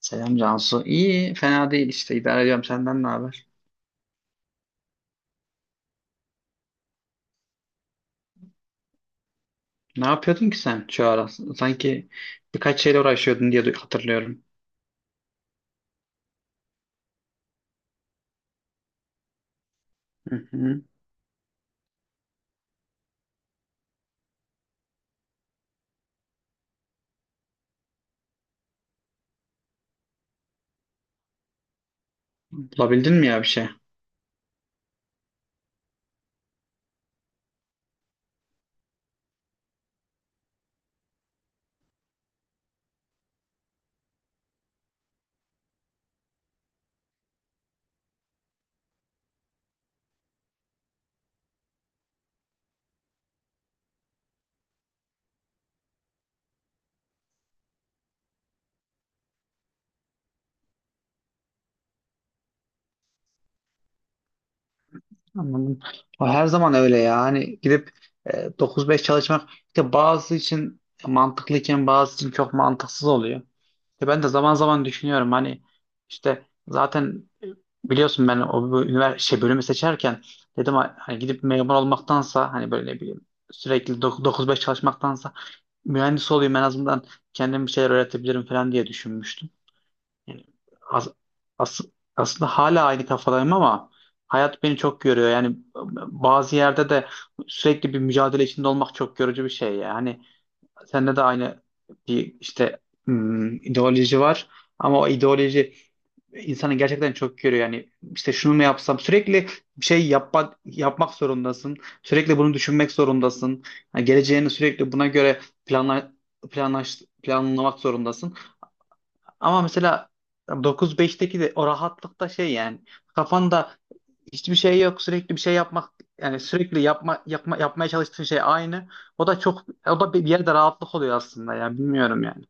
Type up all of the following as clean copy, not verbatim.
Selam Cansu. İyi, fena değil işte. İdare ediyorum. Senden ne haber? Ne yapıyordun ki sen şu ara? Sanki birkaç şeyle uğraşıyordun diye hatırlıyorum. Hı hı. Bulabildin mi ya bir şey? Anladım. O her zaman öyle ya. Hani gidip 9-5 çalışmak işte bazı için mantıklıyken bazı için çok mantıksız oluyor. İşte ben de zaman zaman düşünüyorum hani işte zaten biliyorsun ben o üniversite bölümü seçerken dedim hani gidip memur olmaktansa hani böyle ne bileyim sürekli 9-5 çalışmaktansa mühendis olayım, en azından kendime bir şeyler öğretebilirim falan diye düşünmüştüm. Yani as- as- aslında hala aynı kafadayım ama hayat beni çok görüyor. Yani bazı yerde de sürekli bir mücadele içinde olmak çok yorucu bir şey. Yani sende de aynı bir işte ideoloji var ama o ideoloji insanı gerçekten çok görüyor. Yani işte şunu mu yapsam, sürekli bir şey yapmak yapmak zorundasın. Sürekli bunu düşünmek zorundasın. Yani geleceğini sürekli buna göre planla, planlamak zorundasın. Ama mesela 9-5'teki de o rahatlıkta şey yani, kafanda hiçbir şey yok, sürekli bir şey yapmak, yani sürekli yapmaya çalıştığın şey aynı. O da çok, o da bir yerde rahatlık oluyor aslında ya, bilmiyorum yani.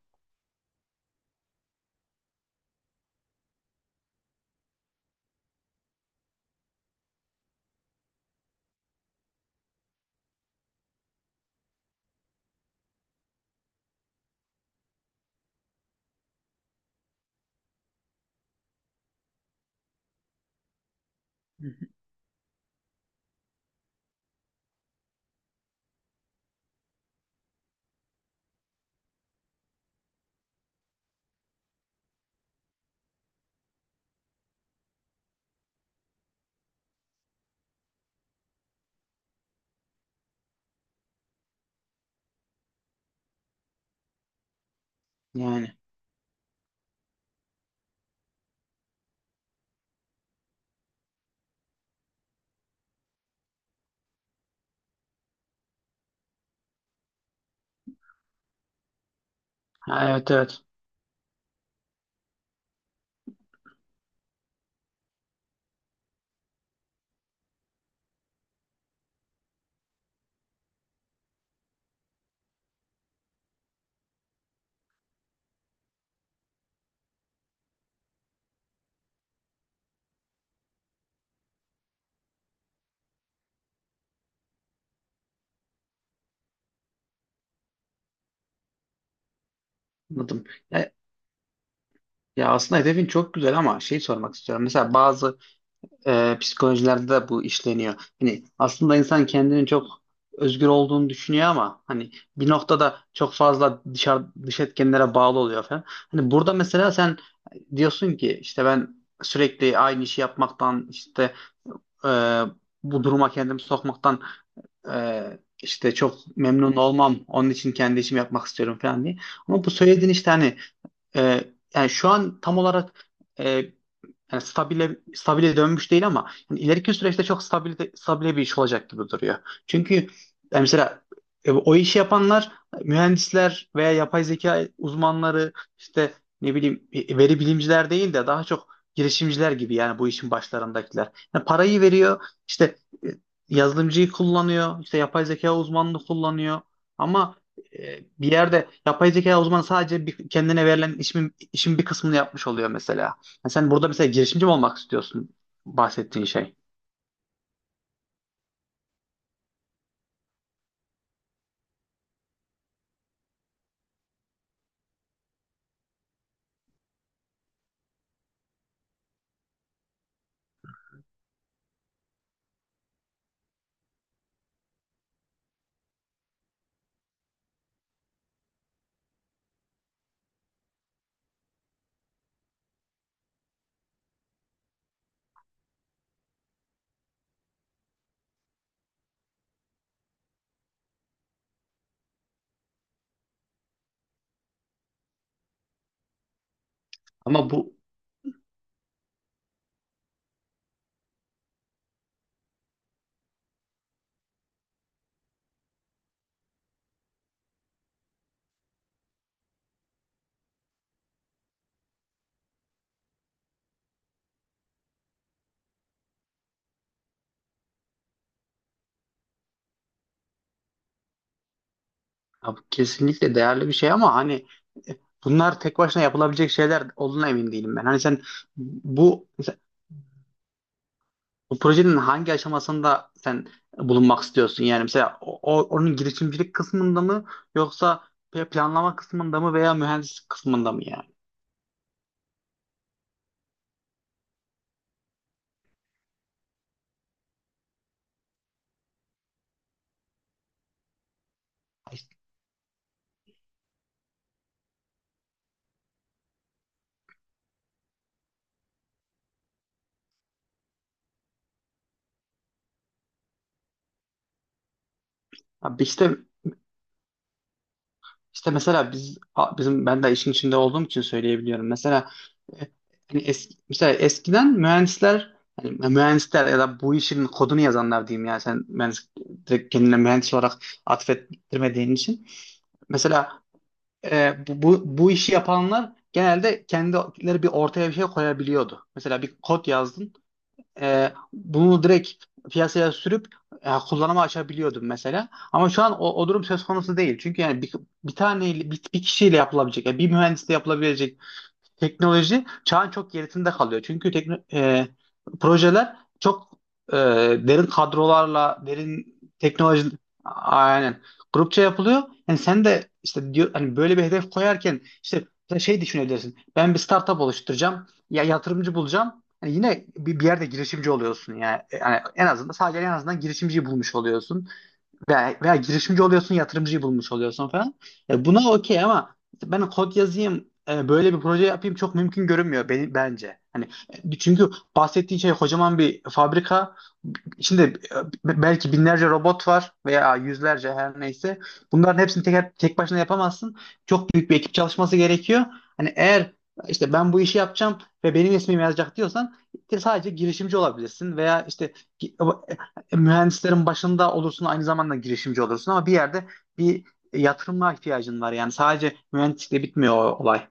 Hı hı. Yani ha, evet, evet, anladım. Ya, ya aslında hedefin çok güzel ama şey sormak istiyorum. Mesela bazı psikolojilerde de bu işleniyor. Hani aslında insan kendini çok özgür olduğunu düşünüyor ama hani bir noktada çok fazla dış etkenlere bağlı oluyor falan. Hani burada mesela sen diyorsun ki, işte ben sürekli aynı işi yapmaktan, işte e, bu duruma kendimi sokmaktan e, işte çok memnun olmam. Onun için kendi işimi yapmak istiyorum falan diye. Ama bu söylediğin işte hani e, yani şu an tam olarak, yani stabile stabile dönmüş değil ama yani ileriki süreçte çok stabil stabile bir iş olacak gibi duruyor. Çünkü yani mesela o işi yapanlar mühendisler veya yapay zeka uzmanları, işte ne bileyim veri bilimciler değil de daha çok girişimciler gibi, yani bu işin başlarındakiler. Yani parayı veriyor, işte e, yazılımcıyı kullanıyor, işte yapay zeka uzmanını kullanıyor, ama bir yerde yapay zeka uzmanı sadece bir, kendine verilen işin, bir kısmını yapmış oluyor mesela. Ha, sen burada mesela girişimci mi olmak istiyorsun, bahsettiğin şey? Ama bu Ya, bu kesinlikle değerli bir şey ama hani e, bunlar tek başına yapılabilecek şeyler olduğuna emin değilim ben. Hani sen bu mesela bu projenin hangi aşamasında sen bulunmak istiyorsun? Yani mesela onun girişimcilik kısmında mı yoksa planlama kısmında mı veya mühendislik kısmında mı yani? Abi işte, mesela biz, bizim, ben de işin içinde olduğum için söyleyebiliyorum. Mesela e, hani mesela eskiden mühendisler, hani mühendisler ya da bu işin kodunu yazanlar diyeyim, yani sen mühendis, direkt kendine mühendis olarak atfettirmediğin için. Mesela bu işi yapanlar genelde kendileri bir ortaya bir şey koyabiliyordu. Mesela bir kod yazdın. Bunu direkt piyasaya sürüp kullanıma açabiliyordum mesela. Ama şu an o, o durum söz konusu değil. Çünkü yani bir, bir tane, bir, bir kişiyle yapılabilecek, yani bir mühendisle yapılabilecek teknoloji çağın çok gerisinde kalıyor. Çünkü projeler çok e, derin kadrolarla, derin teknoloji, aynen, grupça yapılıyor. Yani sen de işte, diyor, hani böyle bir hedef koyarken işte mesela şey düşünebilirsin: ben bir startup oluşturacağım, ya yatırımcı bulacağım. Yani yine bir, bir yerde girişimci oluyorsun yani. Yani en azından sadece, en azından girişimciyi bulmuş oluyorsun veya, girişimci oluyorsun, yatırımcıyı bulmuş oluyorsun falan. Ya, buna okey ama ben kod yazayım, böyle bir proje yapayım çok mümkün görünmüyor beni, bence. Hani çünkü bahsettiğin şey kocaman bir fabrika, İçinde belki binlerce robot var veya yüzlerce, her neyse. Bunların hepsini tek tek başına yapamazsın. Çok büyük bir ekip çalışması gerekiyor. Hani eğer işte ben bu işi yapacağım ve benim ismim yazacak diyorsan, işte sadece girişimci olabilirsin veya işte gi- e, mühendislerin başında olursun, aynı zamanda girişimci olursun, ama bir yerde bir yatırıma ihtiyacın var. Yani sadece mühendislikle bitmiyor o olay.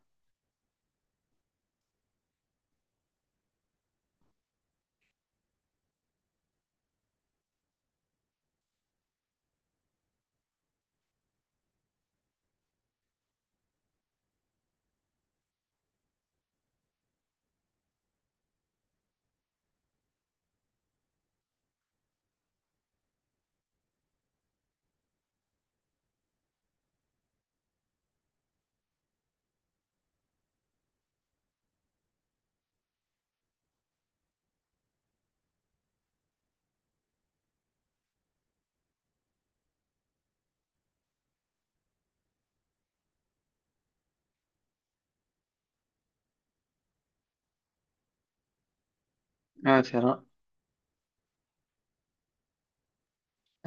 Evet Ferhan.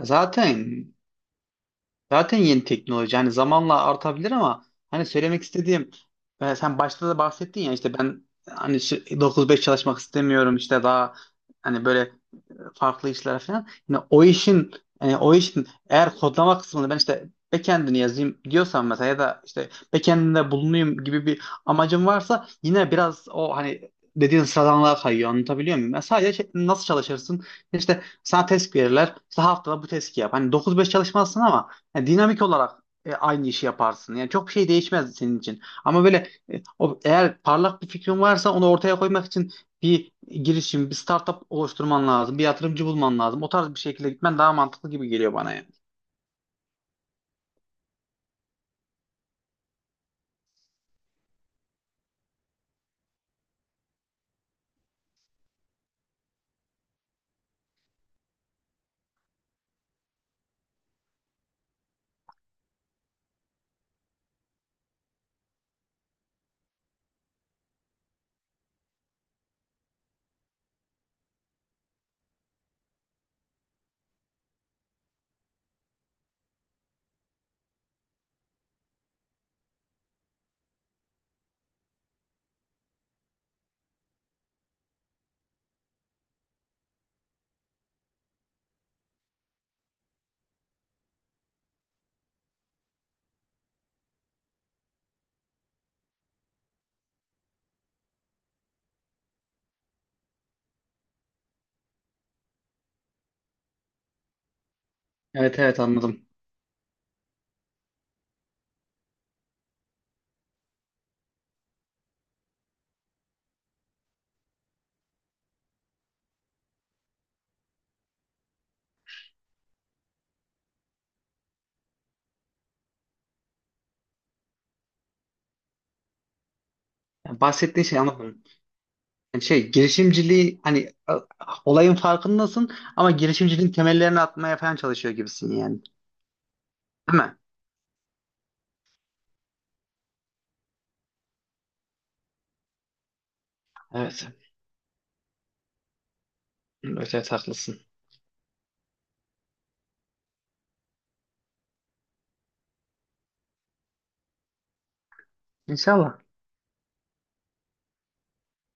Zaten Zaten yeni teknoloji. Hani zamanla artabilir ama hani söylemek istediğim, sen başta da bahsettin ya, işte ben hani 9-5 çalışmak istemiyorum, işte daha hani böyle farklı işler falan. Yine o işin, eğer kodlama kısmını, ben işte backend'ini yazayım diyorsam mesela, ya da işte backend'inde bulunayım gibi bir amacım varsa, yine biraz o hani dediğin sıradanlığa kayıyor. Anlatabiliyor muyum? Yani sadece nasıl çalışırsın? İşte sana test verirler, İşte haftada bu testi yap. Hani dokuz beş çalışmazsın ama yani dinamik olarak aynı işi yaparsın. Yani çok şey değişmez senin için. Ama böyle eğer parlak bir fikrin varsa onu ortaya koymak için bir girişim, bir startup oluşturman lazım, bir yatırımcı bulman lazım. O tarz bir şekilde gitmen daha mantıklı gibi geliyor bana yani. Evet, evet, anladım. Yani bahsettiğin şey, anladım. Yani şey girişimciliği, hani olayın farkındasın ama girişimciliğin temellerini atmaya falan çalışıyor gibisin yani. Değil mi? Evet. Evet, evet, haklısın. İnşallah.